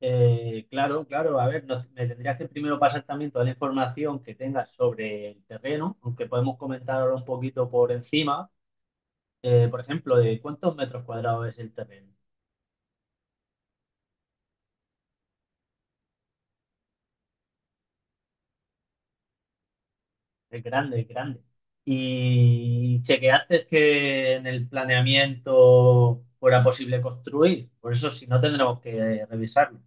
Claro, claro. A ver, me tendrías que primero pasar también toda la información que tengas sobre el terreno, aunque podemos comentar ahora un poquito por encima. Por ejemplo, de cuántos metros cuadrados es el terreno. Es grande, es grande. Y chequeaste que en el planeamiento fuera posible construir. Por eso, si no, tendremos que revisarlo.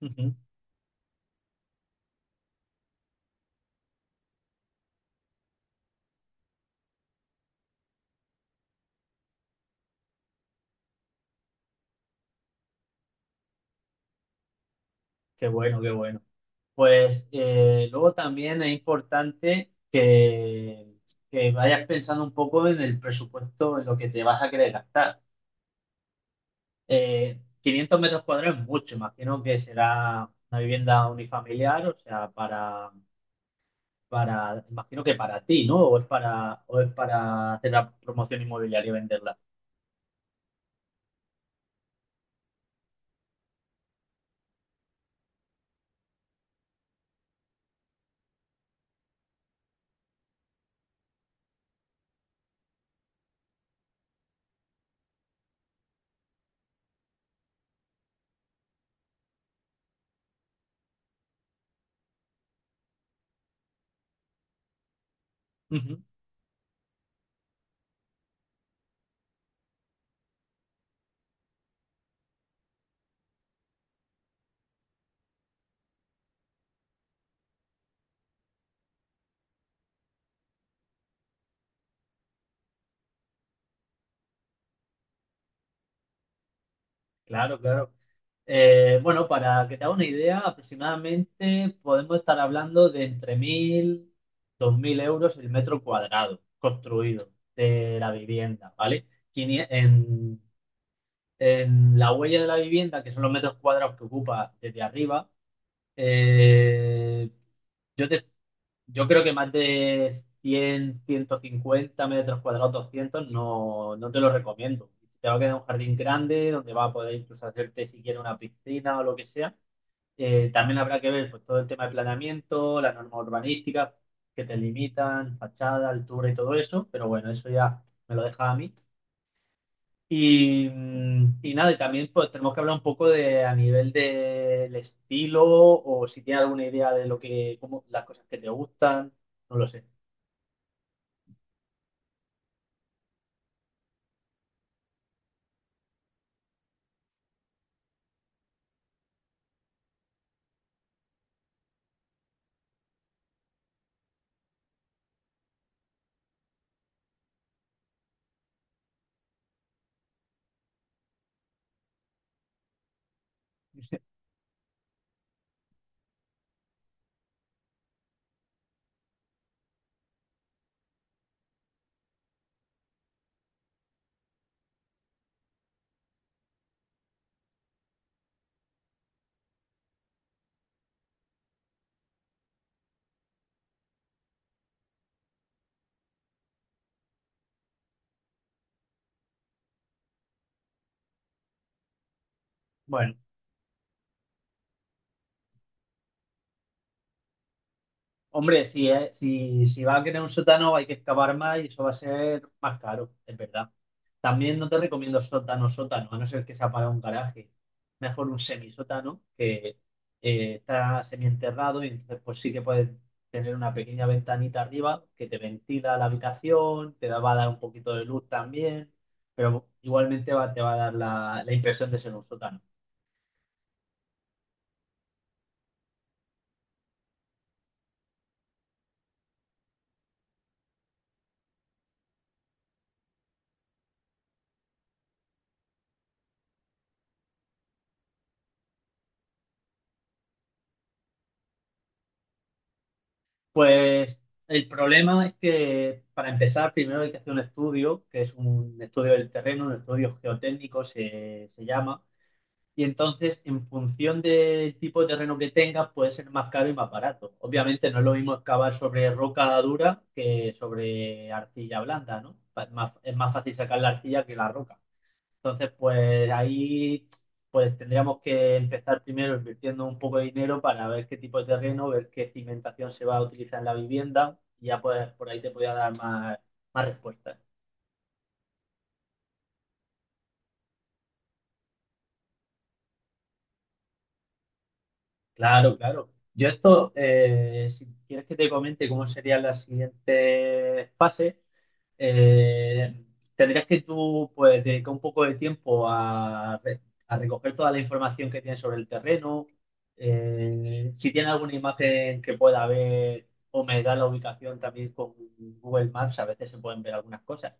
Ujú. Qué bueno, qué bueno. Pues luego también es importante que vayas pensando un poco en el presupuesto, en lo que te vas a querer gastar. 500 metros cuadrados es mucho, imagino que será una vivienda unifamiliar, o sea, imagino que para ti, ¿no? O es o es para hacer la promoción inmobiliaria y venderla. Ujú. Claro, claro. Bueno, para que te haga una idea, aproximadamente podemos estar hablando de entre 1.000, 2.000 euros el metro cuadrado construido de la vivienda, ¿vale? Quinie- En, en la huella de la vivienda, que son los metros cuadrados que ocupa desde arriba, eh, yo, te- yo creo que más de 100, 150 metros cuadrados, 200, no, no te lo recomiendo. Te va a quedar un jardín grande donde va a poder incluso hacerte si quieres una piscina o lo que sea. También habrá que ver pues, todo el tema de planeamiento, las normas urbanísticas que te limitan, fachada, altura y todo eso, pero bueno, eso ya me lo deja a mí. Y nada, y también pues tenemos que hablar un poco de a nivel del estilo o si tienes alguna idea de lo que, como las cosas que te gustan, no lo sé. Bueno, hombre, si va a querer un sótano hay que excavar más y eso va a ser más caro, es verdad. También no te recomiendo sótano, sótano, a no ser que sea para un garaje. Mejor un semisótano que está semienterrado y entonces pues sí que puedes tener una pequeña ventanita arriba que te ventila la habitación, te da, va a dar un poquito de luz también, pero igualmente te va a dar la impresión de ser un sótano. Pues el problema es que para empezar primero hay que hacer un estudio, que es un estudio del terreno, un estudio geotécnico se llama, y entonces en función del tipo de terreno que tengas puede ser más caro y más barato. Obviamente no es lo mismo excavar sobre roca dura que sobre arcilla blanda, ¿no? Es más fácil sacar la arcilla que la roca. Entonces, pues ahí pues tendríamos que empezar primero invirtiendo un poco de dinero para ver qué tipo de terreno, ver qué cimentación se va a utilizar en la vivienda y ya pues por ahí te podía dar más, más respuestas. Claro, claro. Yo esto, si quieres que te comente cómo serían las siguientes fases, eh, tendrías que tú pues, dedicar un poco de tiempo a recoger toda la información que tienes sobre el terreno. Si tienes alguna imagen que pueda ver o me da la ubicación también con Google Maps, a veces se pueden ver algunas cosas.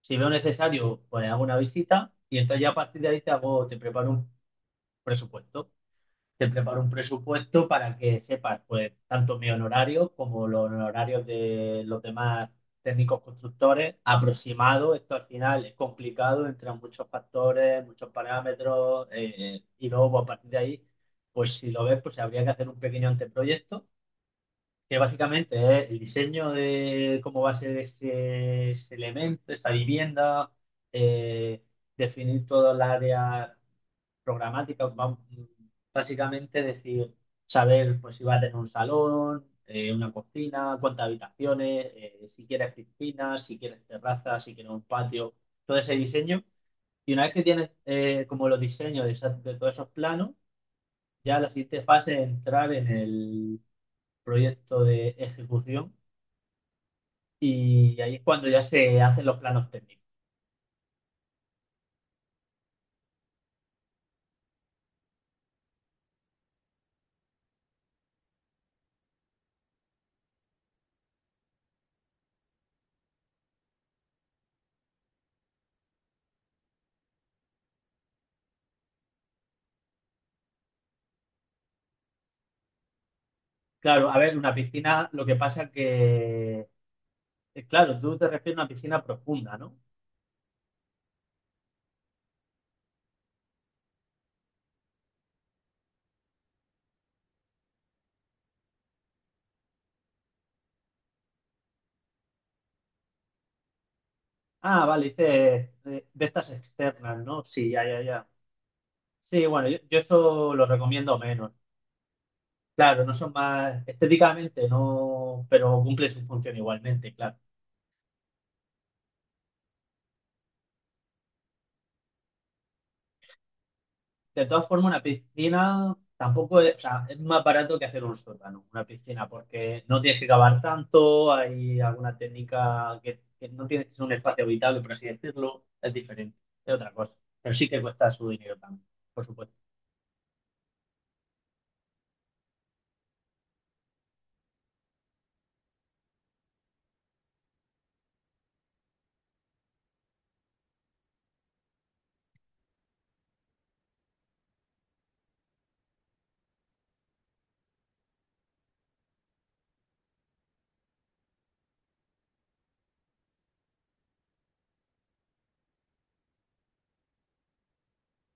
Si veo necesario, pues hago una visita y entonces ya a partir de ahí te hago, te preparo un presupuesto te preparo un presupuesto para que sepas, pues, tanto mi honorario como los honorarios de los demás técnicos constructores, aproximado, esto al final es complicado, entran muchos factores, muchos parámetros, y luego pues, a partir de ahí, pues si lo ves, pues habría que hacer un pequeño anteproyecto, que básicamente es el diseño de cómo va a ser ese elemento, esa vivienda, eh, definir todo el área programática, básicamente decir, saber pues si va a tener un salón, una cocina, cuántas habitaciones, si quieres piscina, si quieres terraza, si quieres un patio, todo ese diseño. Y una vez que tienes como los diseños de, de todos esos planos, ya la siguiente fase es entrar en el proyecto de ejecución y ahí es cuando ya se hacen los planos técnicos. Claro, a ver, una piscina, lo que pasa que, claro, tú te refieres a una piscina profunda, ¿no? Ah, vale, dice de estas externas, ¿no? Sí, ya, ya, ya. Sí, bueno, yo eso lo recomiendo menos. Claro, no son más estéticamente, no, pero cumple su función igualmente, claro. De todas formas, una piscina tampoco es, o sea, es más barato que hacer un sótano, una piscina, porque no tienes que cavar tanto, hay alguna técnica que no tienes que ser un espacio habitable, por así decirlo, es diferente, es otra cosa. Pero sí que cuesta su dinero también, por supuesto.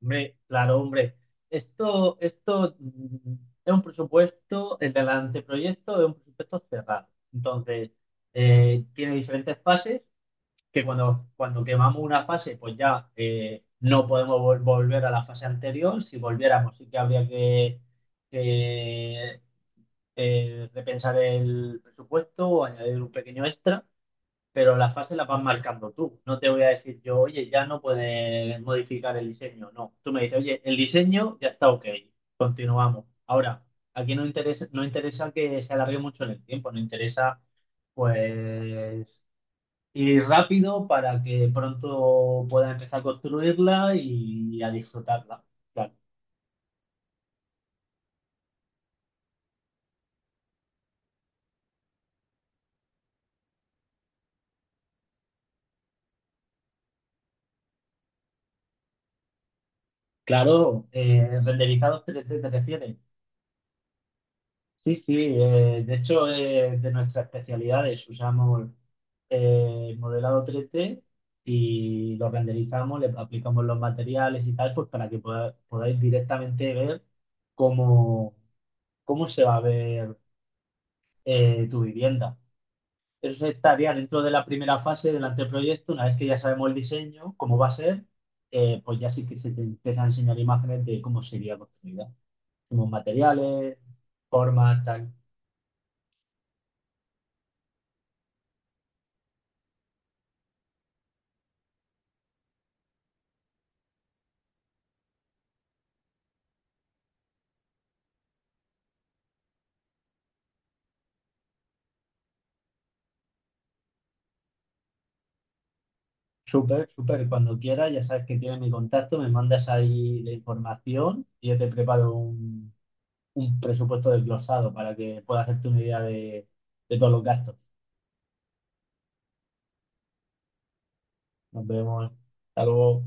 Hombre, claro, hombre. Esto es un presupuesto, el del anteproyecto es un presupuesto cerrado. Entonces, tiene diferentes fases que cuando quemamos una fase, pues ya no podemos volver a la fase anterior. Si volviéramos, sí que habría que, repensar el presupuesto o añadir un pequeño extra, pero la fase la vas marcando tú. No te voy a decir yo, oye, ya no puedes modificar el diseño. No, tú me dices, oye, el diseño ya está ok, continuamos. Ahora, aquí no interesa, no interesa que se alargue mucho en el tiempo, no interesa pues ir rápido para que pronto pueda empezar a construirla y a disfrutarla. Claro, claro, renderizados 3D te refieres. Sí, sí, de hecho es de nuestras especialidades. Usamos modelado 3D y lo renderizamos, le aplicamos los materiales y tal, pues para que podáis directamente ver cómo, cómo se va a ver tu vivienda. Eso estaría dentro de la primera fase del anteproyecto. Una vez que ya sabemos el diseño, cómo va a ser, pues ya sí que se te empiezan a enseñar imágenes de cómo sería construida, como materiales, formas, tal. Súper, súper. Cuando quieras, ya sabes que tienes mi contacto, me mandas ahí la información y yo te preparo un presupuesto desglosado para que puedas hacerte una idea de todos los gastos. Nos vemos. Hasta luego.